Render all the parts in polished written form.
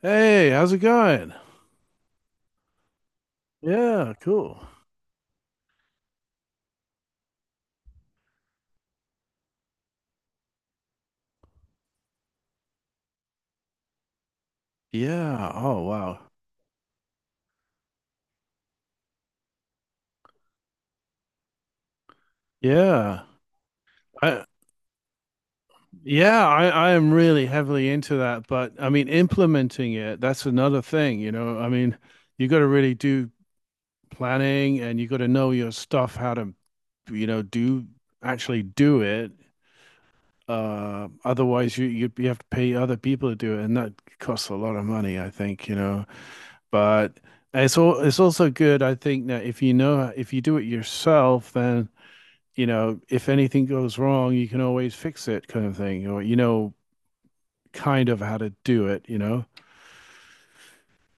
Hey, how's it going? Yeah, cool. Yeah. Oh, wow. Yeah. I, I am really heavily into that, but I mean, implementing it, that's another thing, you know. I mean, you got to really do planning and you got to know your stuff, how to, do actually do it. Otherwise you have to pay other people to do it, and that costs a lot of money, I think, you know. But it's also good, I think, that if you know if you do it yourself, then you know if anything goes wrong, you can always fix it, kind of thing, or you know kind of how to do it, you know.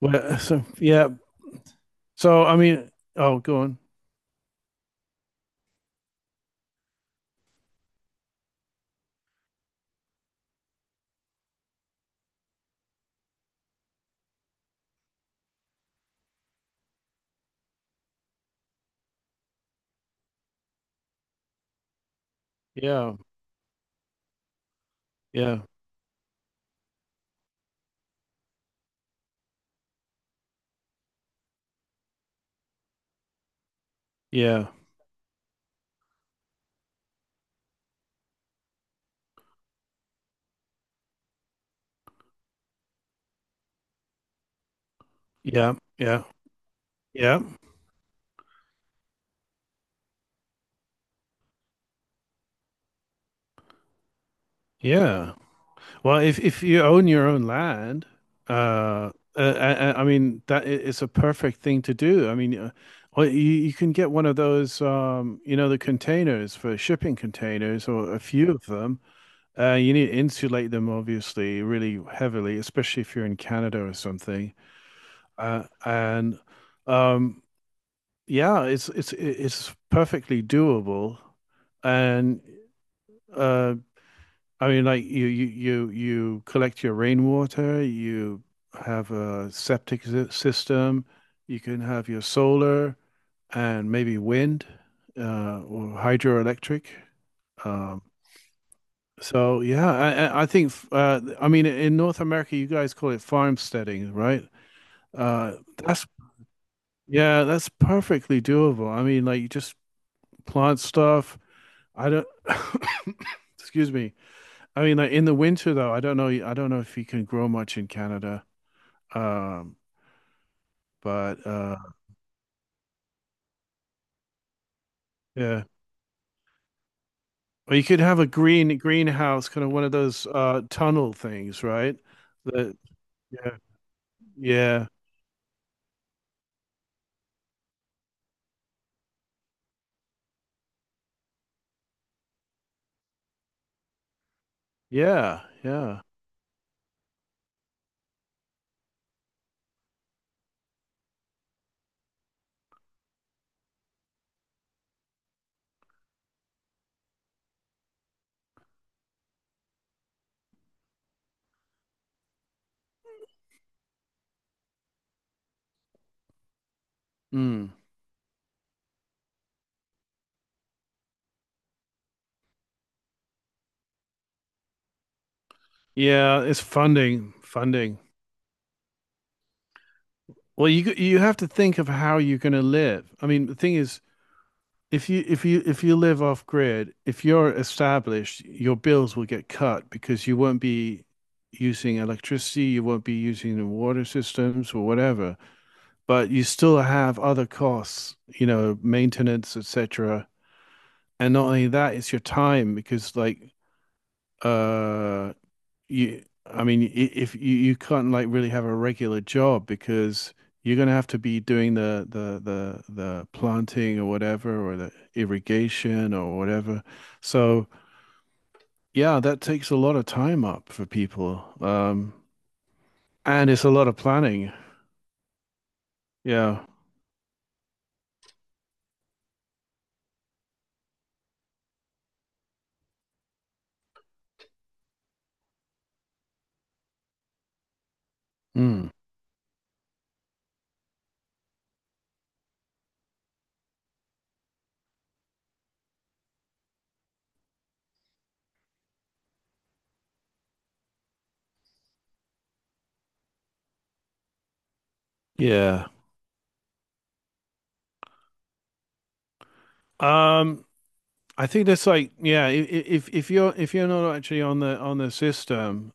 Well, so yeah, so I mean, oh, go on, yeah, yeah, yeah, yeah, yeah, yeah, yeah. Well, if you own your own land, I mean it's a perfect thing to do. I mean, well, you can get one of those, you know, the containers for shipping containers, or a few of them. You need to insulate them, obviously, really heavily, especially if you're in Canada or something. And um, yeah, it's it's perfectly doable, and. Uh, I mean, like you collect your rainwater, you have a septic system, you can have your solar and maybe wind or hydroelectric. Um, so yeah, I think I mean in North America you guys call it farmsteading, right? That's Yeah, that's perfectly doable. I mean, like you just plant stuff. I don't, excuse me. I mean, like in the winter though, I don't know. I don't know if you can grow much in Canada. Um, but Yeah, or you could have a greenhouse, kind of one of those tunnel things, right? That Yeah, yeah, yeah, yeah. Mm. Yeah, it's funding, funding. Well, you have to think of how you're going to live. I mean, the thing is, if you if you if you live off grid, if you're established, your bills will get cut because you won't be using electricity, you won't be using the water systems or whatever, but you still have other costs, you know, maintenance, etc. And not only that, it's your time because uh you I mean if you can't like really have a regular job because you're gonna have to be doing the planting or whatever or the irrigation or whatever. So yeah, that takes a lot of time up for people. And it's a lot of planning. Yeah. Mm. Yeah. Um I think that's like yeah, if you're not actually on the system,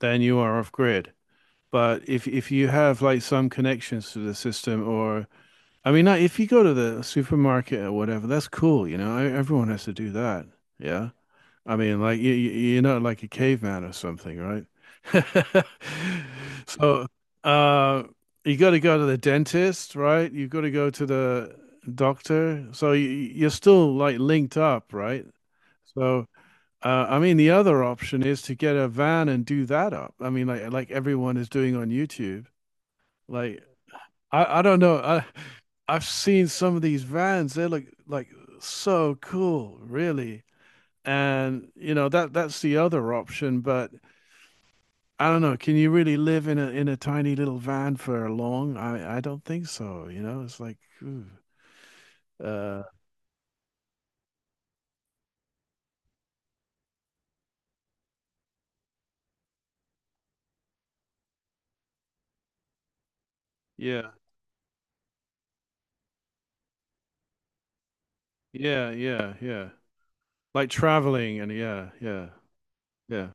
then you are off grid. But if you have like some connections to the system, or I mean, like, if you go to the supermarket or whatever, that's cool. You know, everyone has to do that. Yeah, I mean, like you're not like a caveman or something, right? So, uh, you got to go to the dentist, right? You've got to go to the doctor. So you're still like linked up, right? So. I mean, the other option is to get a van and do that up. I mean, like everyone is doing on YouTube. Like I don't know. I I've seen some of these vans. They look like so cool, really. And you know that that's the other option. But I don't know. Can you really live in a tiny little van for long? I don't think so. You know, it's like, ooh, uh, yeah, yeah, yeah, yeah. Like traveling and yeah, yeah, yeah.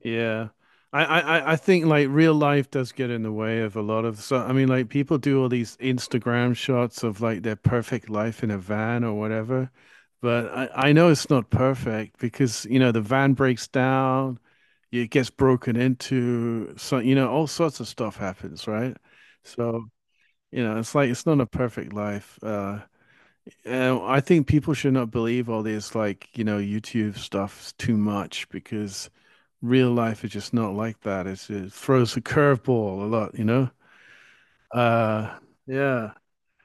Yeah. I think like real life does get in the way of a lot of so I mean like people do all these Instagram shots of like their perfect life in a van or whatever, but I know it's not perfect because you know the van breaks down, it gets broken into, so you know all sorts of stuff happens, right? So you know it's like it's not a perfect life. And I think people should not believe all this like you know YouTube stuff too much because real life is just not like that. It throws a curveball a lot, you know? Uh, yeah.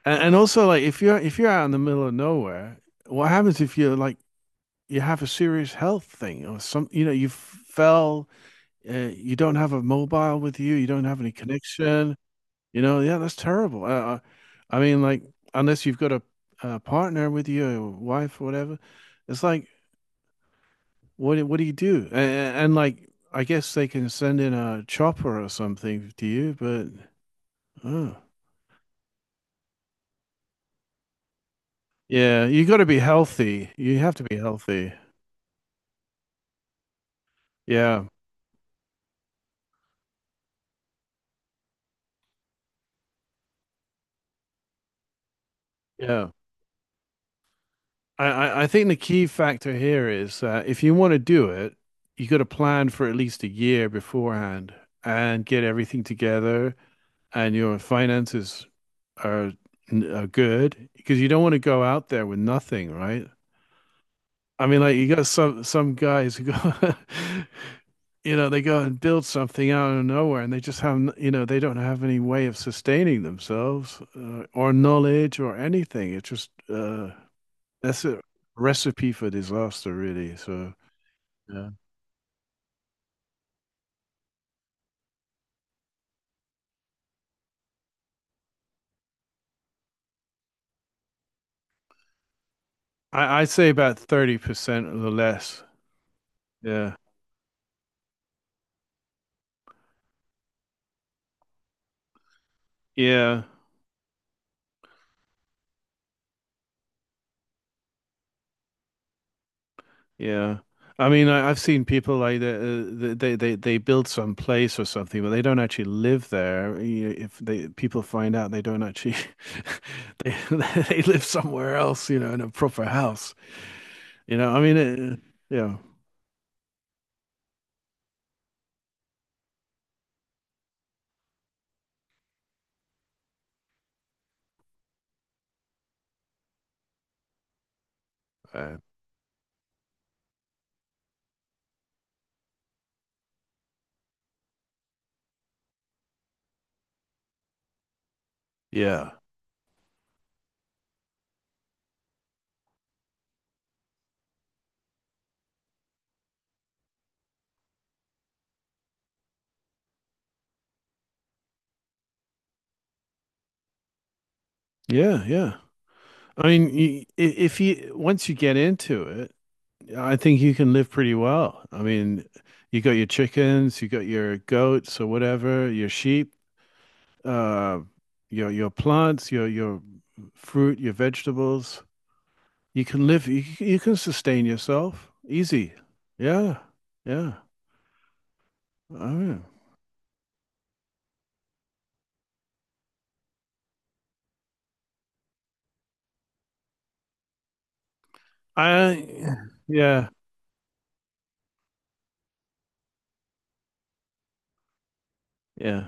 And also like if you're out in the middle of nowhere, what happens if you're like you have a serious health thing or some, you know, you fell, you don't have a mobile with you, you don't have any connection, you know? Yeah, that's terrible. I mean, like unless you've got a partner with you, or wife or whatever, it's like what do you do? And like, I guess they can send in a chopper or something to you, but oh. Yeah, you got to be healthy. You have to be healthy. Yeah, yeah. I think the key factor here is that if you want to do it, you got to plan for at least a year beforehand and get everything together, and your finances are, are good because you don't want to go out there with nothing, right? I mean, like you got some guys who go, you know, they go and build something out of nowhere, and they just you know, they don't have any way of sustaining themselves or knowledge or anything. It's just that's a recipe for disaster, really. So yeah. I'd say about 30% or less. Yeah. Yeah. Yeah. I mean, I've seen people like they build some place or something, but they don't actually live there. You know, if they people find out, they don't actually they they live somewhere else, you know, in a proper house. You know, I mean, it, yeah, uh, yeah, yeah, yeah. I mean, if you once you get into it, I think you can live pretty well. I mean, you got your chickens, you got your goats or whatever, your sheep. uh, your plants, your fruit, your vegetables. You can live. You can sustain yourself easy. Yeah, yeah. Oh, yeah. I yeah yeah.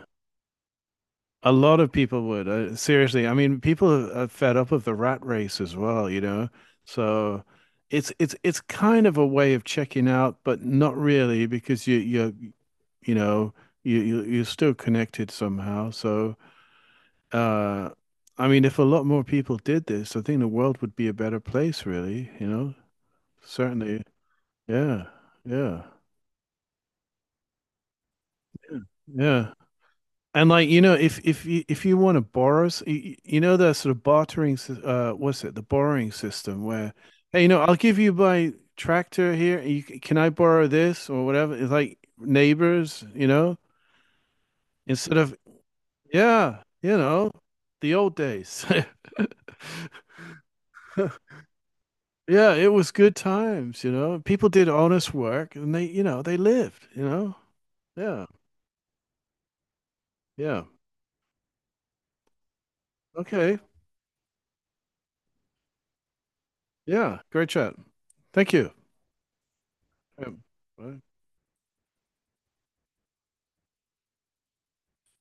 A lot of people would. Seriously, I mean, people are fed up of the rat race as well. You know, so it's it's kind of a way of checking out, but not really because you know you're still connected somehow. So. Uh, I mean, if a lot more people did this, I think the world would be a better place, really, you know? Certainly. Yeah. Yeah. Yeah. And like, you know, if you want to borrow, you know, that sort of bartering, what's it? The borrowing system where, hey, you know, I'll give you my tractor here. Can I borrow this or whatever? It's like neighbors, you know, instead of, yeah, you know, the old days. Yeah, it was good times, you know. People did honest work and they, you know, they lived, you know. Yeah. Yeah. Okay. Yeah. Great chat. Thank you. Um, Bye.